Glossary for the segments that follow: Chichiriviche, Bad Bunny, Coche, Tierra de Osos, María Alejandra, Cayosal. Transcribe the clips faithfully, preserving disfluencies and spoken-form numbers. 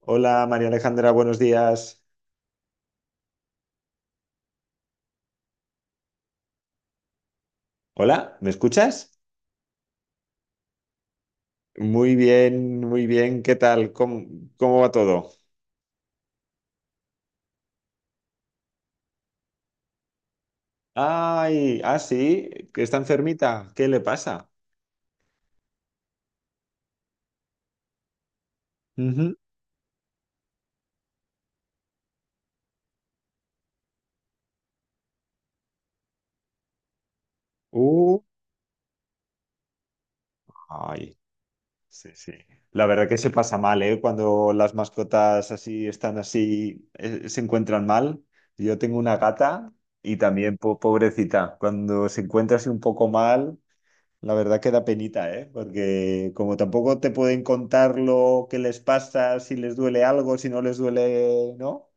Hola María Alejandra, buenos días. Hola, ¿me escuchas? Muy bien, muy bien. ¿Qué tal? ¿Cómo, cómo va todo? Ay, ah, sí, que está enfermita. ¿Qué le pasa? Ujú. Uh, ay, sí, sí. La verdad que se pasa mal, ¿eh? Cuando las mascotas así están así, eh, se encuentran mal. Yo tengo una gata y también, po- pobrecita, cuando se encuentra así un poco mal. La verdad que da penita, ¿eh? Porque como tampoco te pueden contar lo que les pasa, si les duele algo, si no les duele, ¿no?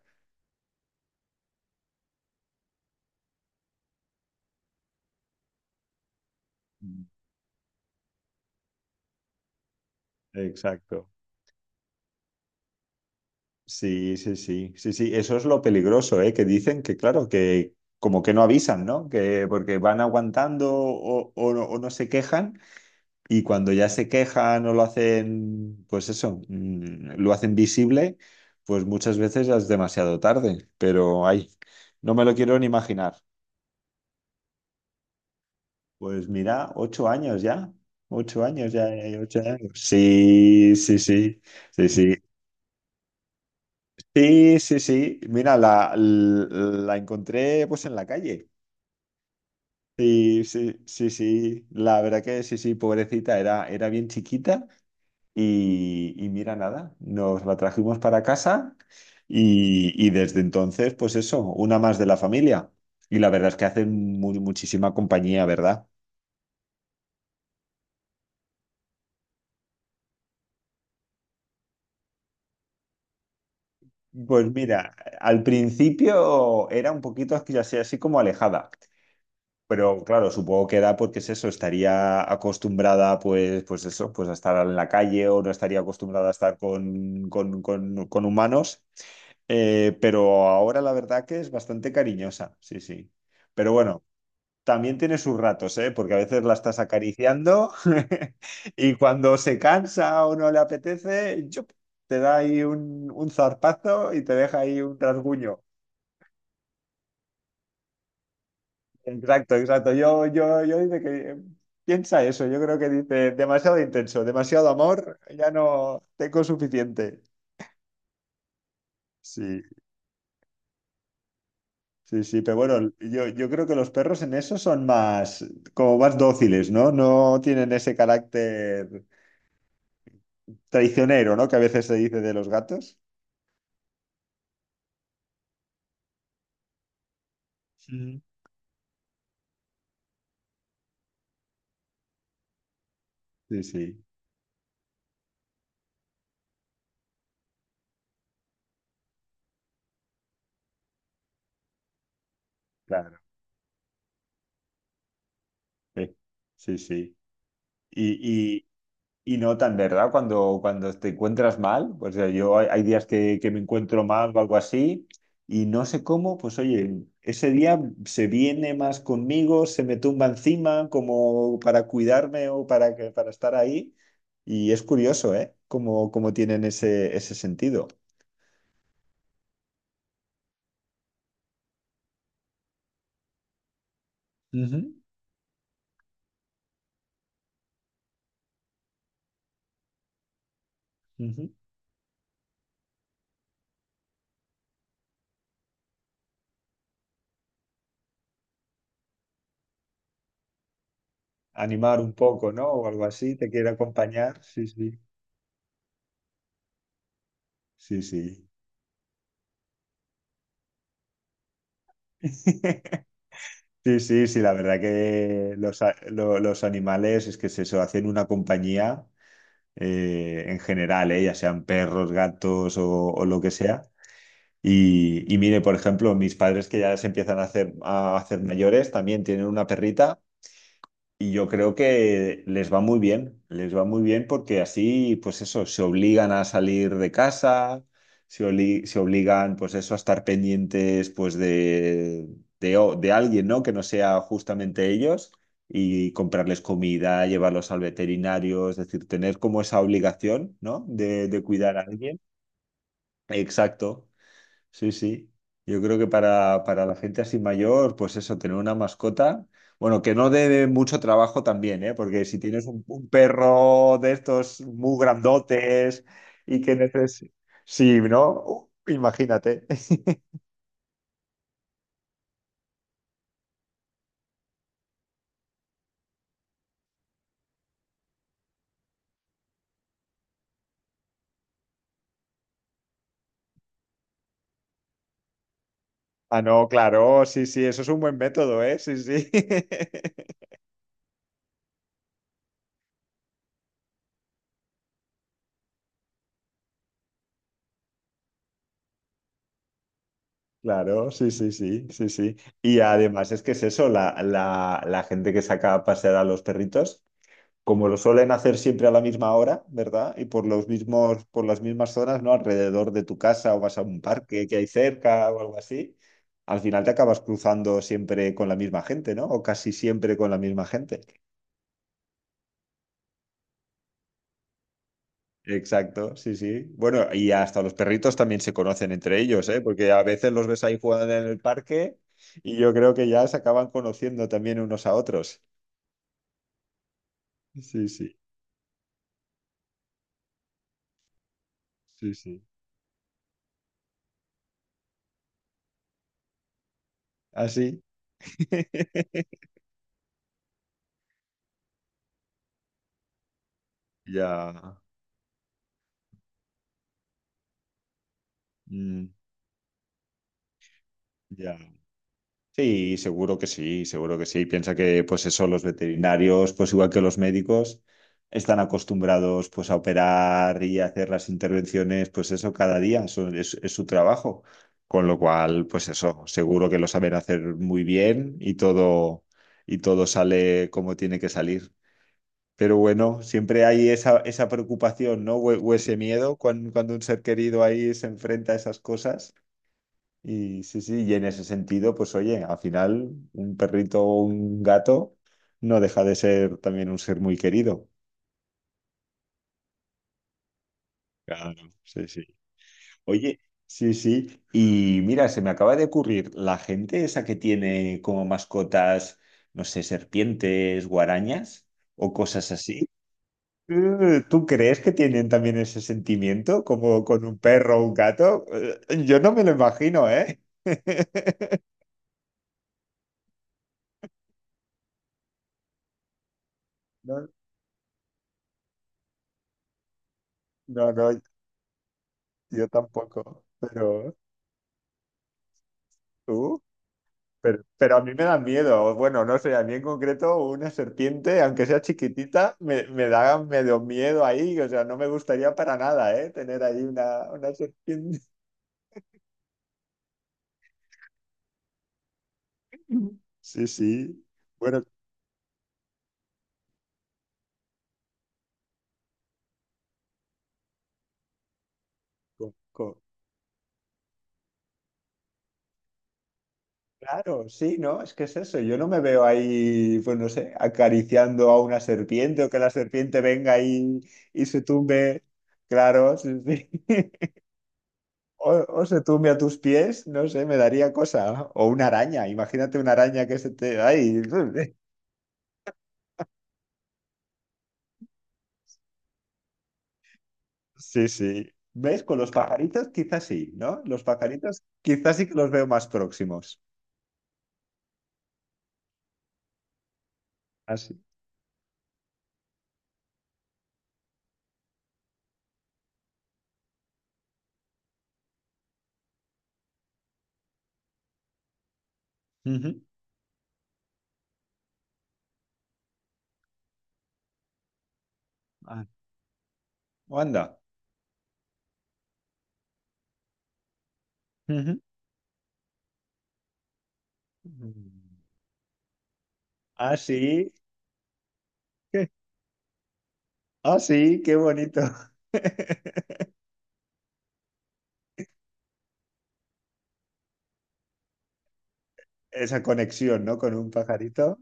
Mm. Exacto. Sí, sí, sí, sí, sí, eso es lo peligroso, ¿eh? Que dicen que, claro, que como que no avisan, ¿no? Que porque van aguantando o, o no, o no se quejan y cuando ya se quejan o lo hacen, pues eso, mm, lo hacen visible, pues muchas veces ya es demasiado tarde, pero ay, no me lo quiero ni imaginar. Pues mira, ocho años ya. Ocho años ya, ya, ya, ocho años. Sí, sí, sí, sí, sí, sí, sí, sí. Mira, la, l- la encontré pues en la calle. Sí, sí, sí, sí. La verdad que sí, sí, pobrecita, era, era bien chiquita y, y mira, nada, nos la trajimos para casa y, y desde entonces, pues eso, una más de la familia. Y la verdad es que hacen mu- muchísima compañía, ¿verdad? Pues mira, al principio era un poquito así, así así como alejada, pero claro, supongo que era porque es eso, estaría acostumbrada pues, pues eso, pues a estar en la calle o no estaría acostumbrada a estar con, con, con- con humanos. Eh, pero ahora la verdad que es bastante cariñosa, sí, sí. Pero bueno, también tiene sus ratos, ¿eh? Porque a veces la estás acariciando y cuando se cansa o no le apetece, ¡yup! Te da ahí un, un zarpazo y te deja ahí un rasguño. Exacto, exacto. Yo, yo, yo dice que piensa eso. Yo creo que dice demasiado intenso, demasiado amor, ya no tengo suficiente. Sí, sí, sí, pero bueno, yo, yo creo que los perros en eso son más, como más dóciles, ¿no? No tienen ese carácter traicionero, ¿no? Que a veces se dice de los gatos. Ujú. Sí, sí, claro. Sí, sí. Sí. Y, y, y notan, ¿verdad? Cuando, cuando te encuentras mal, pues eh, yo hay, hay días que, que me encuentro mal o algo así, y no sé cómo, pues oye, ese día se viene más conmigo, se me tumba encima como para cuidarme o para, que, para estar ahí. Y es curioso, ¿eh? Cómo, cómo tienen ese, ese sentido. Ujú, ujú. Animar un poco, ¿no? O algo así, te quiere acompañar. Sí, sí. Sí, sí. Sí, sí, sí, la verdad que los, a- lo- los animales es que se, se hacen una compañía eh, en general, eh, ya sean perros, gatos o, o lo que sea. Y, y mire, por ejemplo, mis padres que ya se empiezan a hacer, a hacer mayores también tienen una perrita. Y yo creo que les va muy bien, les va muy bien porque así, pues eso, se obligan a salir de casa, se, oli- se obligan, pues eso, a estar pendientes, pues de, de, o- de alguien, ¿no? Que no sea justamente ellos y comprarles comida, llevarlos al veterinario, es decir, tener como esa obligación, ¿no? De, de cuidar a alguien. Exacto. Sí, sí. Yo creo que para, para la gente así mayor, pues eso, tener una mascota, bueno, que no dé mucho trabajo también, ¿eh? Porque si tienes un, un perro de estos muy grandotes y que necesitas... Sí, ¿no? Uh, imagínate. Ah, no, claro, sí, sí, eso es un buen método, ¿eh? Sí, sí. Claro, sí, sí, sí, sí, sí. Y además es que es eso, la, la, la gente que saca a pasear a los perritos, como lo suelen hacer siempre a la misma hora, ¿verdad? Y por los mismos, por las mismas zonas, ¿no? Alrededor de tu casa o vas a un parque que hay cerca o algo así, al final te acabas cruzando siempre con la misma gente, ¿no? O casi siempre con la misma gente. Exacto, sí, sí. Bueno, y hasta los perritos también se conocen entre ellos, ¿eh? Porque a veces los ves ahí jugando en el parque y yo creo que ya se acaban conociendo también unos a otros. Sí, sí, sí, sí. Así. Ya. mm, ya. Sí, seguro que sí, seguro que sí. Piensa que, pues eso, los veterinarios, pues igual que los médicos, están acostumbrados, pues a operar y a hacer las intervenciones, pues eso, cada día, eso es, es su trabajo. Con lo cual, pues eso, seguro que lo saben hacer muy bien y todo, y todo sale como tiene que salir. Pero bueno, siempre hay esa, esa preocupación, ¿no? O, o ese miedo cuando, cuando un ser querido ahí se enfrenta a esas cosas. Y sí, sí, y en ese sentido, pues oye, al final un perrito o un gato no deja de ser también un ser muy querido. Claro, sí, sí. Oye, sí, sí. Y mira, se me acaba de ocurrir, la gente esa que tiene como mascotas, no sé, serpientes, guarañas o cosas así, eh, ¿tú crees que tienen también ese sentimiento como con un perro o un gato? Eh, Yo no me lo imagino, ¿eh? No, no, no. Yo tampoco, pero tú, pero, pero a mí me da miedo. O bueno, no sé, a mí en concreto una serpiente, aunque sea chiquitita, me, me da medio miedo ahí. O sea, no me gustaría para nada, ¿eh? Tener ahí una, una serpiente. Sí, sí. Bueno, co- co- claro, sí, ¿no? Es que es eso. Yo no me veo ahí, pues no sé, acariciando a una serpiente o que la serpiente venga ahí y se tumbe. Claro, sí, sí. O, o se tumbe a tus pies, no sé, me daría cosa. O una araña, imagínate una araña que se te... ¡Ay! Sí, sí. ¿Ves? Con los pajaritos quizás sí, ¿no? Los pajaritos quizás sí que los veo más próximos. Así. Ujú. Ah, o anda. Ujú. Mm. Ah, sí. Ah, sí, qué bonito. Esa conexión, ¿no? Con un pajarito.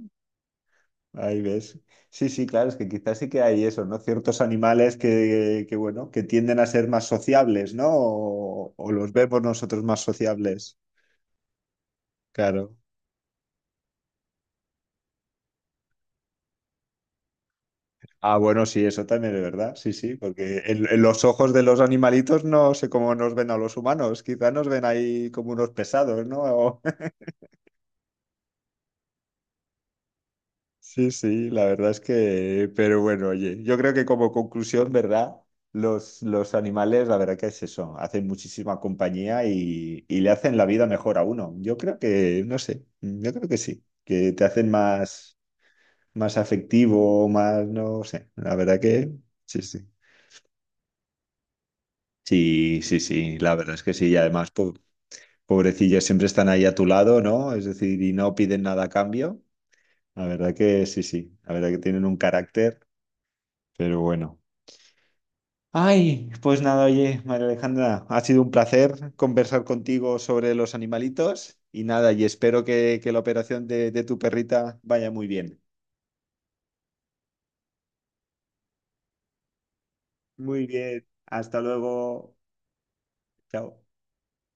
Ahí ves. Sí, sí, claro, es que quizás sí que hay eso, ¿no? Ciertos animales que, que, bueno, que tienden a ser más sociables, ¿no? O, o los vemos nosotros más sociables. Claro. Ah, bueno, sí, eso también es verdad. Sí, sí, porque en, en los ojos de los animalitos no sé cómo nos ven a los humanos. Quizás nos ven ahí como unos pesados, ¿no? Sí, sí, la verdad es que, pero bueno, oye, yo creo que como conclusión, ¿verdad? Los, los animales, la verdad que es eso, hacen muchísima compañía y, y le hacen la vida mejor a uno. Yo creo que, no sé, yo creo que sí, que te hacen más, más afectivo, más, no sé, la verdad que sí, sí. Sí, sí, sí, la verdad es que sí, y además, po- pobrecillos, siempre están ahí a tu lado, ¿no? Es decir, y no piden nada a cambio. La verdad que sí, sí, la verdad que tienen un carácter, pero bueno. Ay, pues nada, oye, María Alejandra, ha sido un placer conversar contigo sobre los animalitos y nada, y espero que, que la operación de, de tu perrita vaya muy bien. Muy bien, hasta luego. Chao.